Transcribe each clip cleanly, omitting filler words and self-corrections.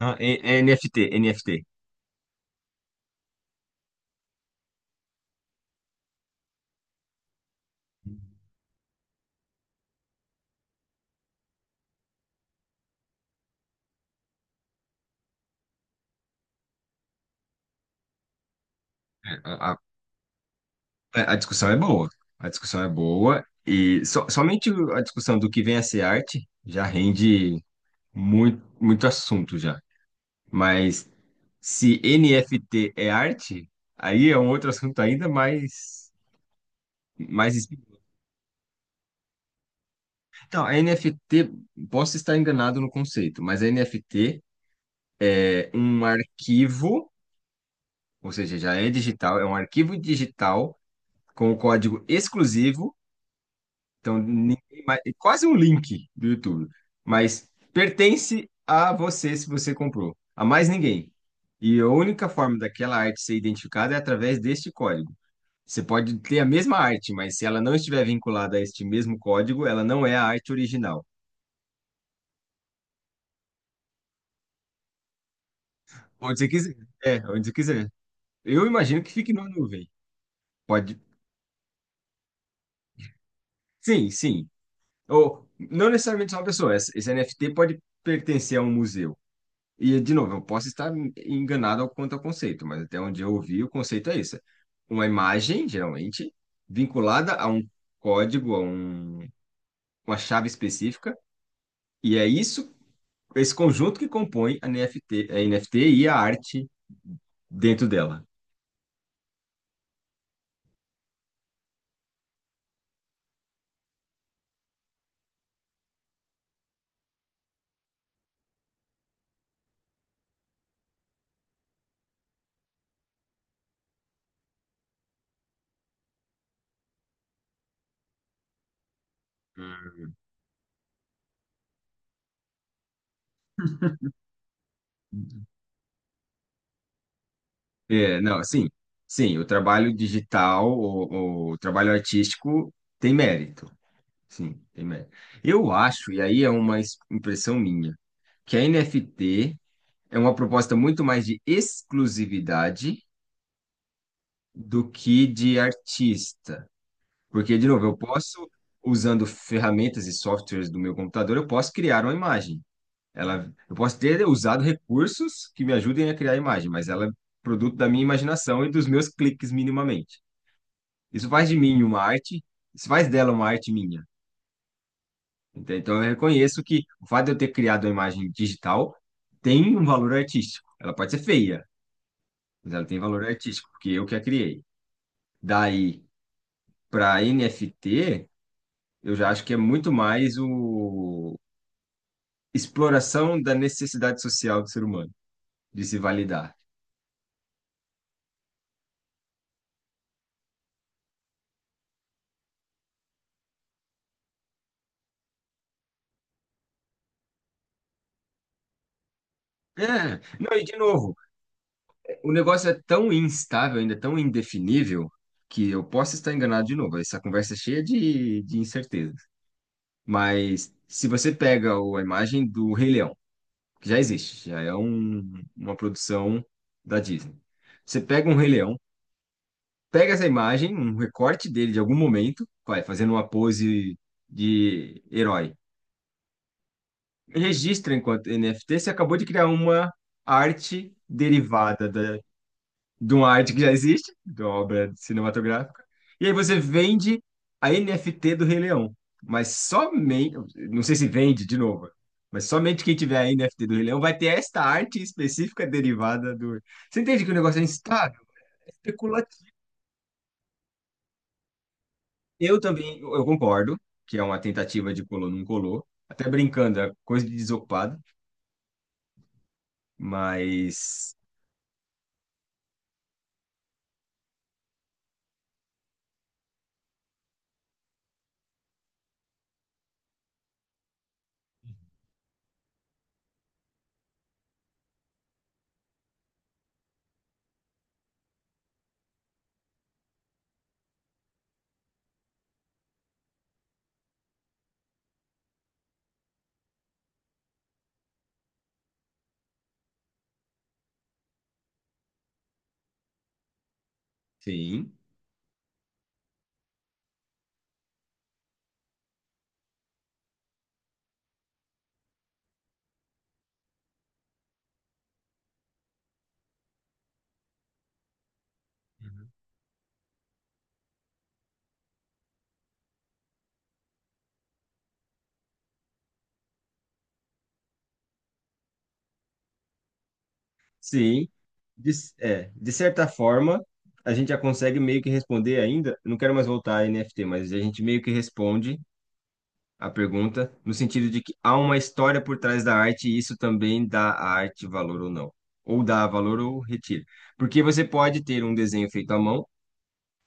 NFT, NFT. A, a discussão é boa. A discussão é boa e somente a discussão do que vem a ser arte já rende muito, muito assunto já. Mas se NFT é arte, aí é um outro assunto ainda mais, mais... espi- Então, a NFT, posso estar enganado no conceito, mas a NFT é um arquivo, ou seja, já é digital, é um arquivo digital com o código exclusivo. Então, ninguém mais, é quase um link do YouTube, mas pertence a você se você comprou, a mais ninguém. E a única forma daquela arte ser identificada é através deste código. Você pode ter a mesma arte, mas se ela não estiver vinculada a este mesmo código, ela não é a arte original. Onde você quiser. É, onde você quiser. Eu imagino que fique numa nuvem. Pode. Sim, sim. Ou não necessariamente só uma pessoa. Esse NFT pode pertencer a um museu. E, de novo, eu posso estar enganado quanto ao conceito, mas até onde eu ouvi, o conceito é esse. Uma imagem, geralmente, vinculada a um código, uma chave específica, e é isso, esse conjunto que compõe a NFT, a NFT e a arte dentro dela. É, não, sim, sim, o trabalho digital, o trabalho artístico tem mérito, sim, tem mérito. Eu acho, e aí é uma impressão minha, que a NFT é uma proposta muito mais de exclusividade do que de artista. Porque, de novo, eu posso, usando ferramentas e softwares do meu computador, eu posso criar uma imagem. Ela, eu posso ter usado recursos que me ajudem a criar a imagem, mas ela é produto da minha imaginação e dos meus cliques minimamente. Isso faz de mim uma arte, isso faz dela uma arte minha. Entende? Então, eu reconheço que o fato de eu ter criado uma imagem digital tem um valor artístico. Ela pode ser feia, mas ela tem valor artístico, porque eu que a criei. Daí, para NFT, eu já acho que é muito mais o exploração da necessidade social do ser humano, de se validar. É, não, e de novo, o negócio é tão instável, ainda tão indefinível, que eu posso estar enganado de novo. Essa conversa é cheia de incertezas. Mas se você pega a imagem do Rei Leão, que já existe, já é uma produção da Disney. Você pega um Rei Leão, pega essa imagem, um recorte dele de algum momento, vai fazendo uma pose de herói. Registra enquanto NFT, você acabou de criar uma arte derivada de uma arte que já existe, de uma obra cinematográfica. E aí você vende a NFT do Rei Leão. Mas somente, não sei se vende de novo, mas somente quem tiver a NFT do Rei Leão vai ter esta arte específica derivada do. Você entende que o negócio é instável. Eu também, eu concordo que é uma tentativa de colou, não colou. Até brincando, é coisa de desocupado, mas sim, sim. De, é, de certa forma, a gente já consegue meio que responder ainda. Eu não quero mais voltar a NFT, mas a gente meio que responde a pergunta no sentido de que há uma história por trás da arte e isso também dá à arte valor ou não. Ou dá valor ou retira. Porque você pode ter um desenho feito à mão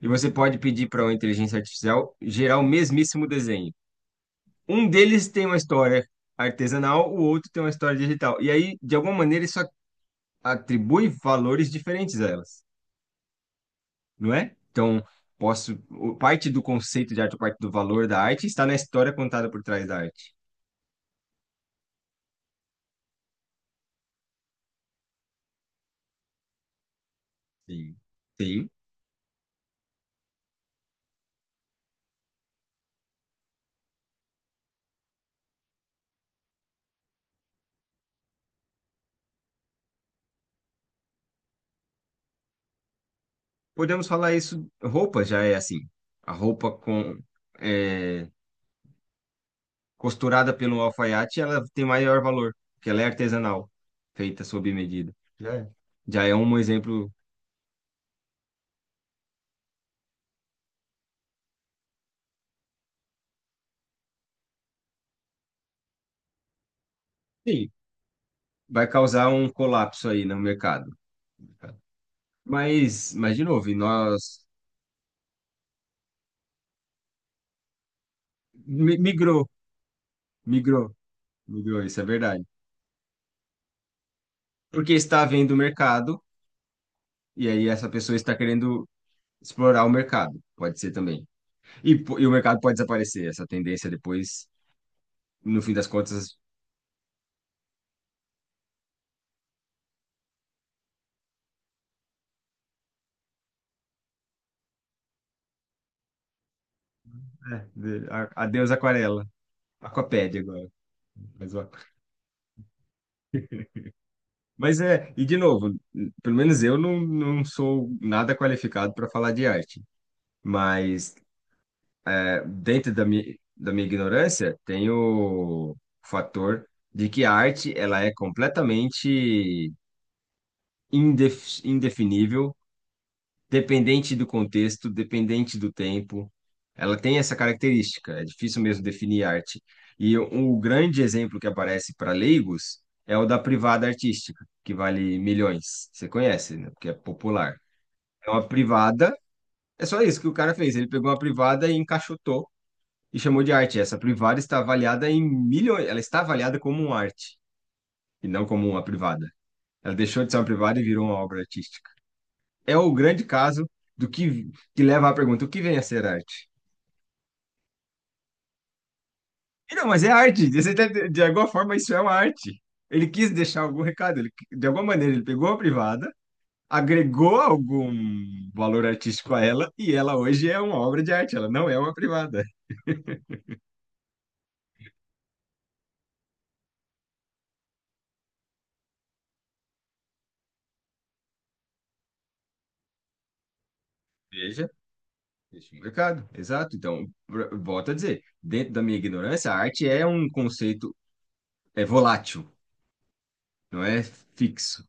e você pode pedir para uma inteligência artificial gerar o mesmíssimo desenho. Um deles tem uma história artesanal, o outro tem uma história digital. E aí, de alguma maneira, isso atribui valores diferentes a elas, não é? Então, posso, parte do conceito de arte, parte do valor da arte está na história contada por trás da arte. Sim. Sim. Podemos falar isso, roupa já é assim. A roupa com é, costurada pelo alfaiate, ela tem maior valor, porque ela é artesanal, feita sob medida. Já é, já é um exemplo. Sim. Vai causar um colapso aí no mercado. Mas de novo, e nós migrou, migrou, migrou, isso é verdade. Porque está havendo mercado, e aí essa pessoa está querendo explorar o mercado, pode ser também. E, e o mercado pode desaparecer, essa tendência depois, no fim das contas, é, adeus aquarela, aquapédia agora. Mas, ó. Mas é, e de novo, pelo menos eu não, não sou nada qualificado para falar de arte, mas é, dentro da minha ignorância, tem o fator de que a arte ela é completamente indefinível, dependente do contexto, dependente do tempo. Ela tem essa característica, é difícil mesmo definir arte. E o grande exemplo que aparece para leigos é o da privada artística, que vale milhões. Você conhece, né? Porque é popular. É uma privada, é só isso que o cara fez. Ele pegou uma privada e encaixotou e chamou de arte. Essa privada está avaliada em milhões, ela está avaliada como uma arte e não como uma privada. Ela deixou de ser uma privada e virou uma obra artística, é o grande caso do que leva à pergunta: o que vem a ser arte? E não, mas é arte. De alguma forma, isso é uma arte. Ele quis deixar algum recado. Ele, de alguma maneira, ele pegou a privada, agregou algum valor artístico a ela, e ela hoje é uma obra de arte. Ela não é uma privada. Veja, deixa um recado. Exato. Então, volto a dizer: dentro da minha ignorância, a arte é um conceito é volátil, não é fixo.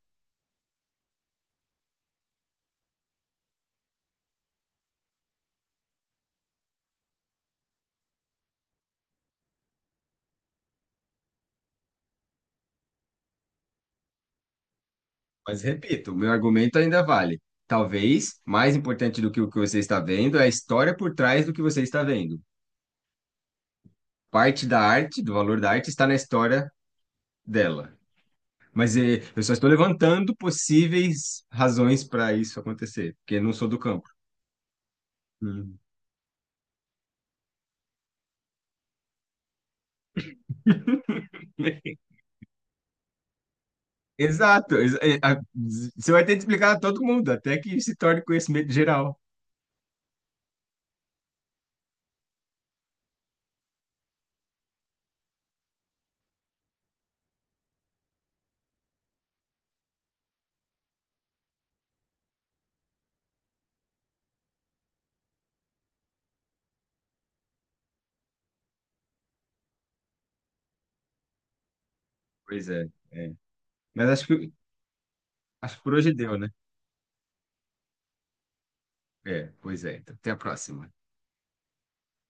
Mas repito, o meu argumento ainda vale. Talvez mais importante do que o que você está vendo é a história por trás do que você está vendo. Parte da arte, do valor da arte, está na história dela. Mas eu só estou levantando possíveis razões para isso acontecer, porque eu não sou do campo. Hum. Exato. Você vai ter que explicar a todo mundo, até que se torne conhecimento geral. Pois é, é. Mas acho que por hoje deu, né? É, pois é. Então, até a próxima.